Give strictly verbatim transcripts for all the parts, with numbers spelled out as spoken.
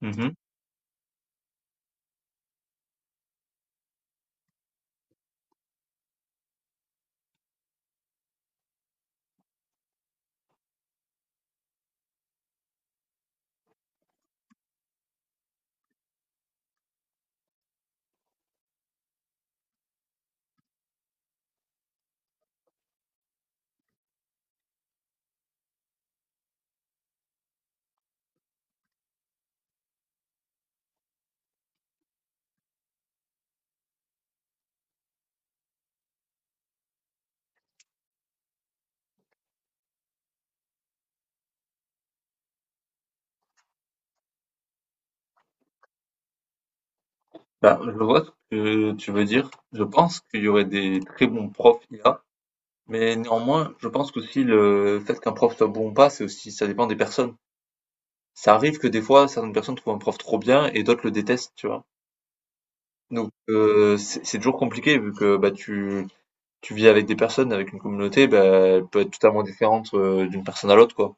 Mhm. Bah, je vois ce que tu veux dire. Je pense qu'il y aurait des très bons profs I A, mais néanmoins, je pense qu'aussi le fait qu'un prof soit bon ou pas, c'est aussi, ça dépend des personnes. Ça arrive que des fois, certaines personnes trouvent un prof trop bien et d'autres le détestent, tu vois. Donc, euh, c'est c'est toujours compliqué vu que bah, tu, tu vis avec des personnes, avec une communauté, bah, elle peut être totalement différente euh, d'une personne à l'autre, quoi.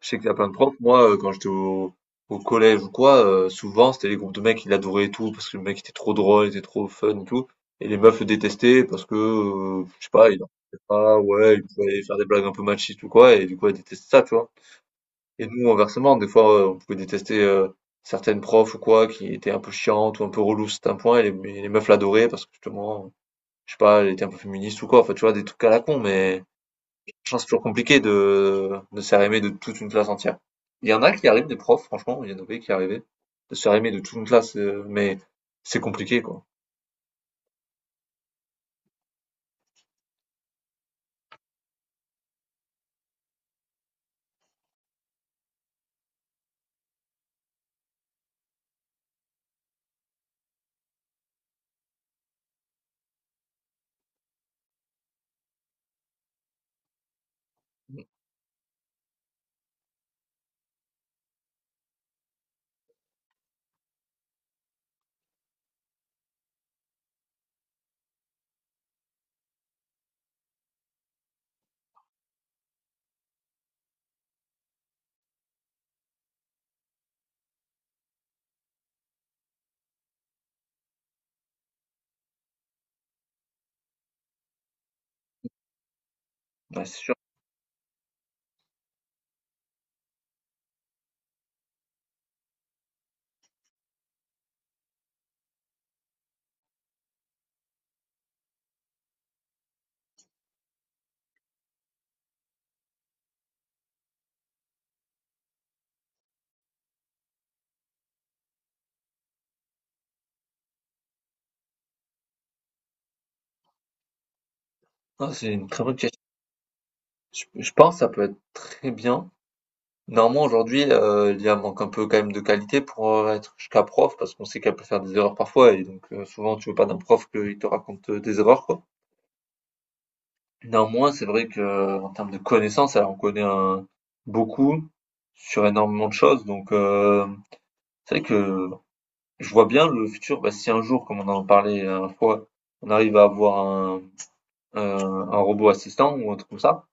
Je sais qu'il y a plein de profs. Moi, euh, quand j'étais au, au collège ou quoi, euh, souvent, c'était les groupes de mecs qui l'adoraient et tout, parce que le mec était trop drôle, il était trop fun et tout. Et les meufs le détestaient parce que, euh, je sais pas, il en faisait pas, ouais, il pouvait faire des blagues un peu machistes ou quoi, et du coup, elles détestaient ça, tu vois. Et nous, inversement, des fois, euh, on pouvait détester euh, certaines profs ou quoi, qui étaient un peu chiantes ou un peu reloues c'est un point, et les, et les meufs l'adoraient parce que, justement, je sais pas, elle était un peu féministe ou quoi, enfin, tu vois, des trucs à la con, mais... Franchement, c'est toujours compliqué de, de se faire aimer de toute une classe entière. Il y en a qui arrivent, des profs, franchement, il y en avait qui arrivaient, de se faire aimer de toute une classe, heu, mais c'est compliqué, quoi. Ouais, c'est sûr. Ah, c'est une très bonne question. Je je pense que ça peut être très bien. Néanmoins, aujourd'hui, heu, a manque un peu quand même de qualité pour, heu, être jusqu'à prof, parce qu'on sait qu'elle peut faire des erreurs parfois et donc heu, souvent, tu veux pas d'un prof qu'il te raconte, heu, des erreurs, quoi. Néanmoins, c'est vrai que euh, en termes de connaissances, elle en connaît, heu, beaucoup sur énormément de choses, donc heu. C'est vrai que je vois bien le futur, bah, si un jour, comme on en parlait la dernière fois, on arrive à avoir un, un- un robot assistant ou un truc comme ça,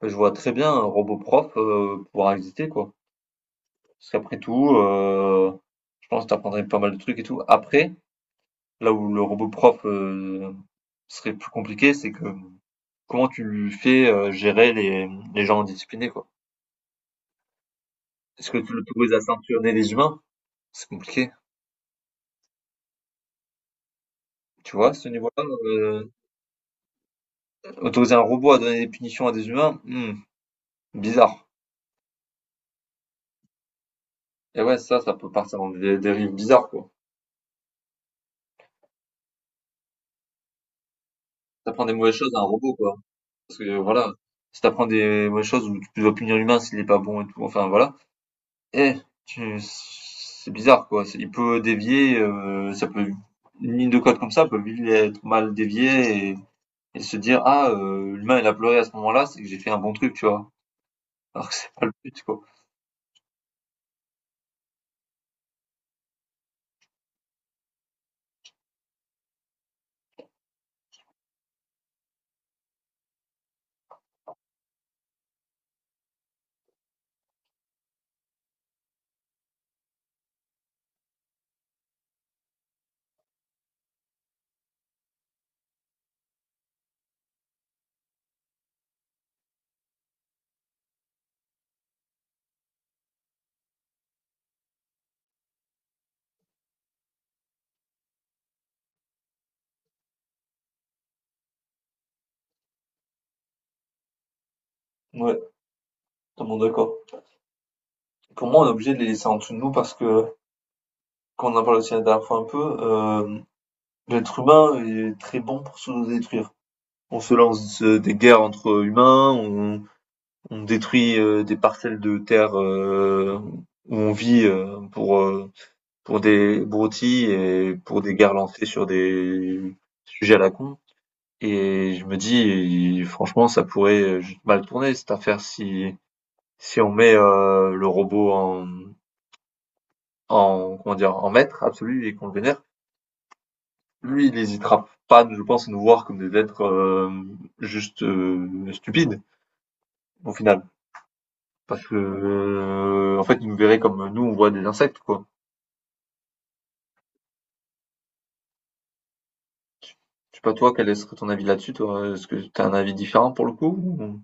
bah, je vois très bien un robot prof euh, pouvoir exister, quoi. Parce qu'après tout, euh, je pense que t'apprendrais pas mal de trucs et tout. Après, là où le robot prof euh, serait plus compliqué, c'est que comment tu lui fais euh, gérer les, les gens indisciplinés, quoi. Est-ce que tu l'autorises à sanctionner les humains? C'est compliqué. Tu vois, à ce niveau-là, euh, autoriser un robot à donner des punitions à des humains, hmm, bizarre. Et ouais, ça, ça peut partir dans des dérives bizarres, quoi. T'apprends des mauvaises choses à un robot, quoi. Parce que voilà, si t'apprends des mauvaises choses où tu dois punir l'humain s'il est pas bon et tout, enfin voilà. Eh, tu... c'est bizarre, quoi. C'est- Il peut dévier, euh, ça peut une ligne de code comme ça peut vite être mal déviée et, et se dire ah euh, l'humain il a pleuré à ce moment-là, c'est que j'ai fait un bon truc, tu vois. Alors que c'est pas le but, quoi. Ouais, totalement d'accord. Pour moi, on est obligé de les laisser en dessous de nous parce que, quand on en parle aussi la dernière fois un peu, euh, l'être humain est très bon pour se détruire. On se lance euh, des guerres entre humains, on, on détruit euh, des parcelles de terre euh, où on vit euh, pour euh, pour des broutilles et pour des guerres lancées sur des sujets à la con. Et je me dis, franchement, ça pourrait juste mal tourner cette affaire si si on met euh, le robot en en comment dire en maître absolu et qu'on le vénère. Lui, il n'hésitera pas, je pense, à nous voir comme des êtres euh, juste euh, stupides, au final. Parce que, euh, en fait, il nous verrait comme nous, on voit des insectes, quoi. Je sais pas, toi, quel serait ton avis là-dessus, toi? Est-ce que t'as un avis différent pour le coup? Ou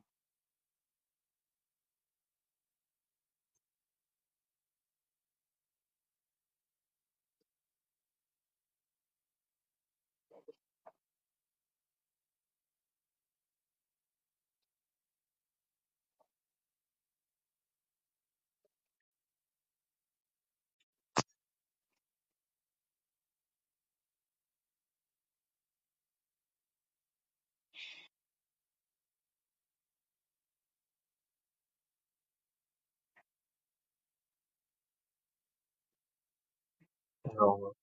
alors,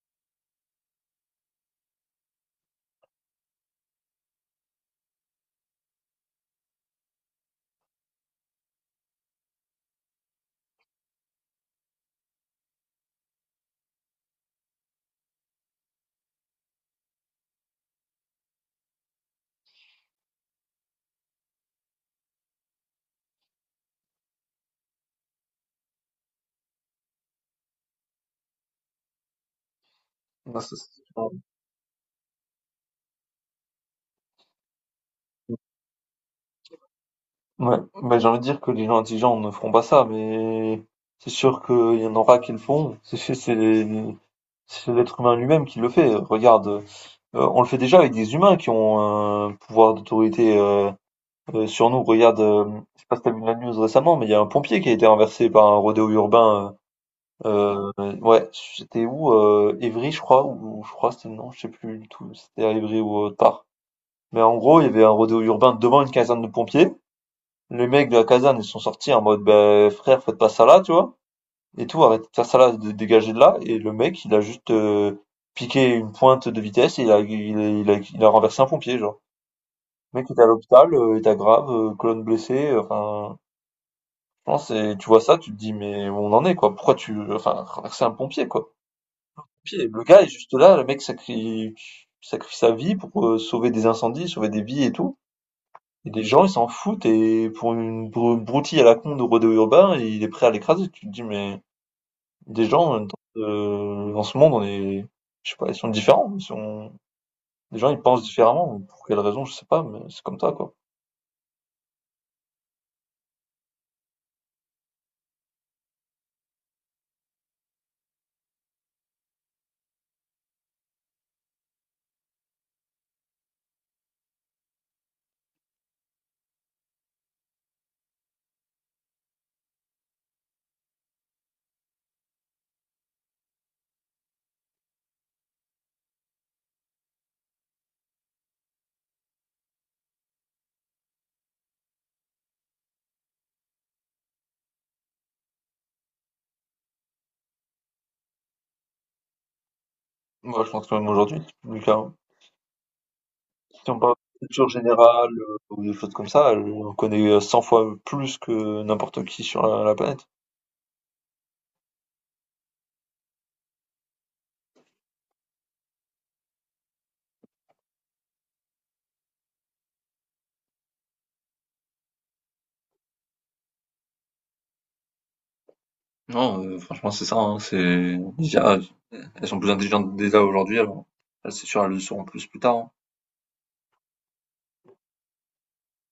euh, moi, ça, c'est- Ouais, bah, j'ai envie de dire que les gens intelligents ne feront pas ça, mais c'est sûr qu'il y en aura qui le font. C'est c'est- c'est les- c'est l'être humain lui-même qui le fait. Regarde, euh, on le fait déjà avec des humains qui ont un pouvoir d'autorité. Euh, sur nous, regarde, euh, je sais pas si t'as vu la news récemment, mais il y a un pompier qui a été renversé par un rodéo urbain. euh, euh, ouais, c'était où? euh, Évry, je crois, ou ou je crois, c'était non, je sais plus du tout, c'était à Évry ou autre part. Mais en gros, il y avait un rodéo urbain devant une caserne de pompiers. Les mecs de la caserne, ils sont sortis en mode, ben frère, faites pas ça là, tu vois. Et tout, arrêtez de faire ça là, de- dégagez de là. Et le mec, il a juste euh, piqué une pointe de vitesse et il a, il a, il a, il a renversé un pompier, genre. Le mec était à l'hôpital, euh, était grave, euh, colonne blessée, euh, enfin. Non, c'est tu vois ça, tu te dis: «Mais où on en est, quoi? Pourquoi tu enfin, c'est un pompier, quoi». Pompier, le gars est juste là, le mec sacrifie sacrifie sa vie pour, heu, sauver des incendies, sauver des vies et tout et les gens, ils s'en foutent et pour une brou broutille à la con de rodéo urbain, il est prêt à l'écraser. Tu te dis: «Mais des gens, heu, dans ce monde, on est je sais pas, ils sont différents, ils sont les gens, ils pensent différemment». Pour quelle raison, je sais pas, mais c'est comme ça, quoi. Moi, je pense que même aujourd'hui, c'est plus le cas, hein. Si on parle de culture générale euh, ou des choses comme ça, on connaît euh, cent fois plus que n'importe qui sur la, la planète. Non, euh, franchement, c'est ça, hein, c'est, les I A, elles sont plus intelligentes déjà aujourd'hui, alors, elles, c'est sûr, elles le seront plus plus tard, hein.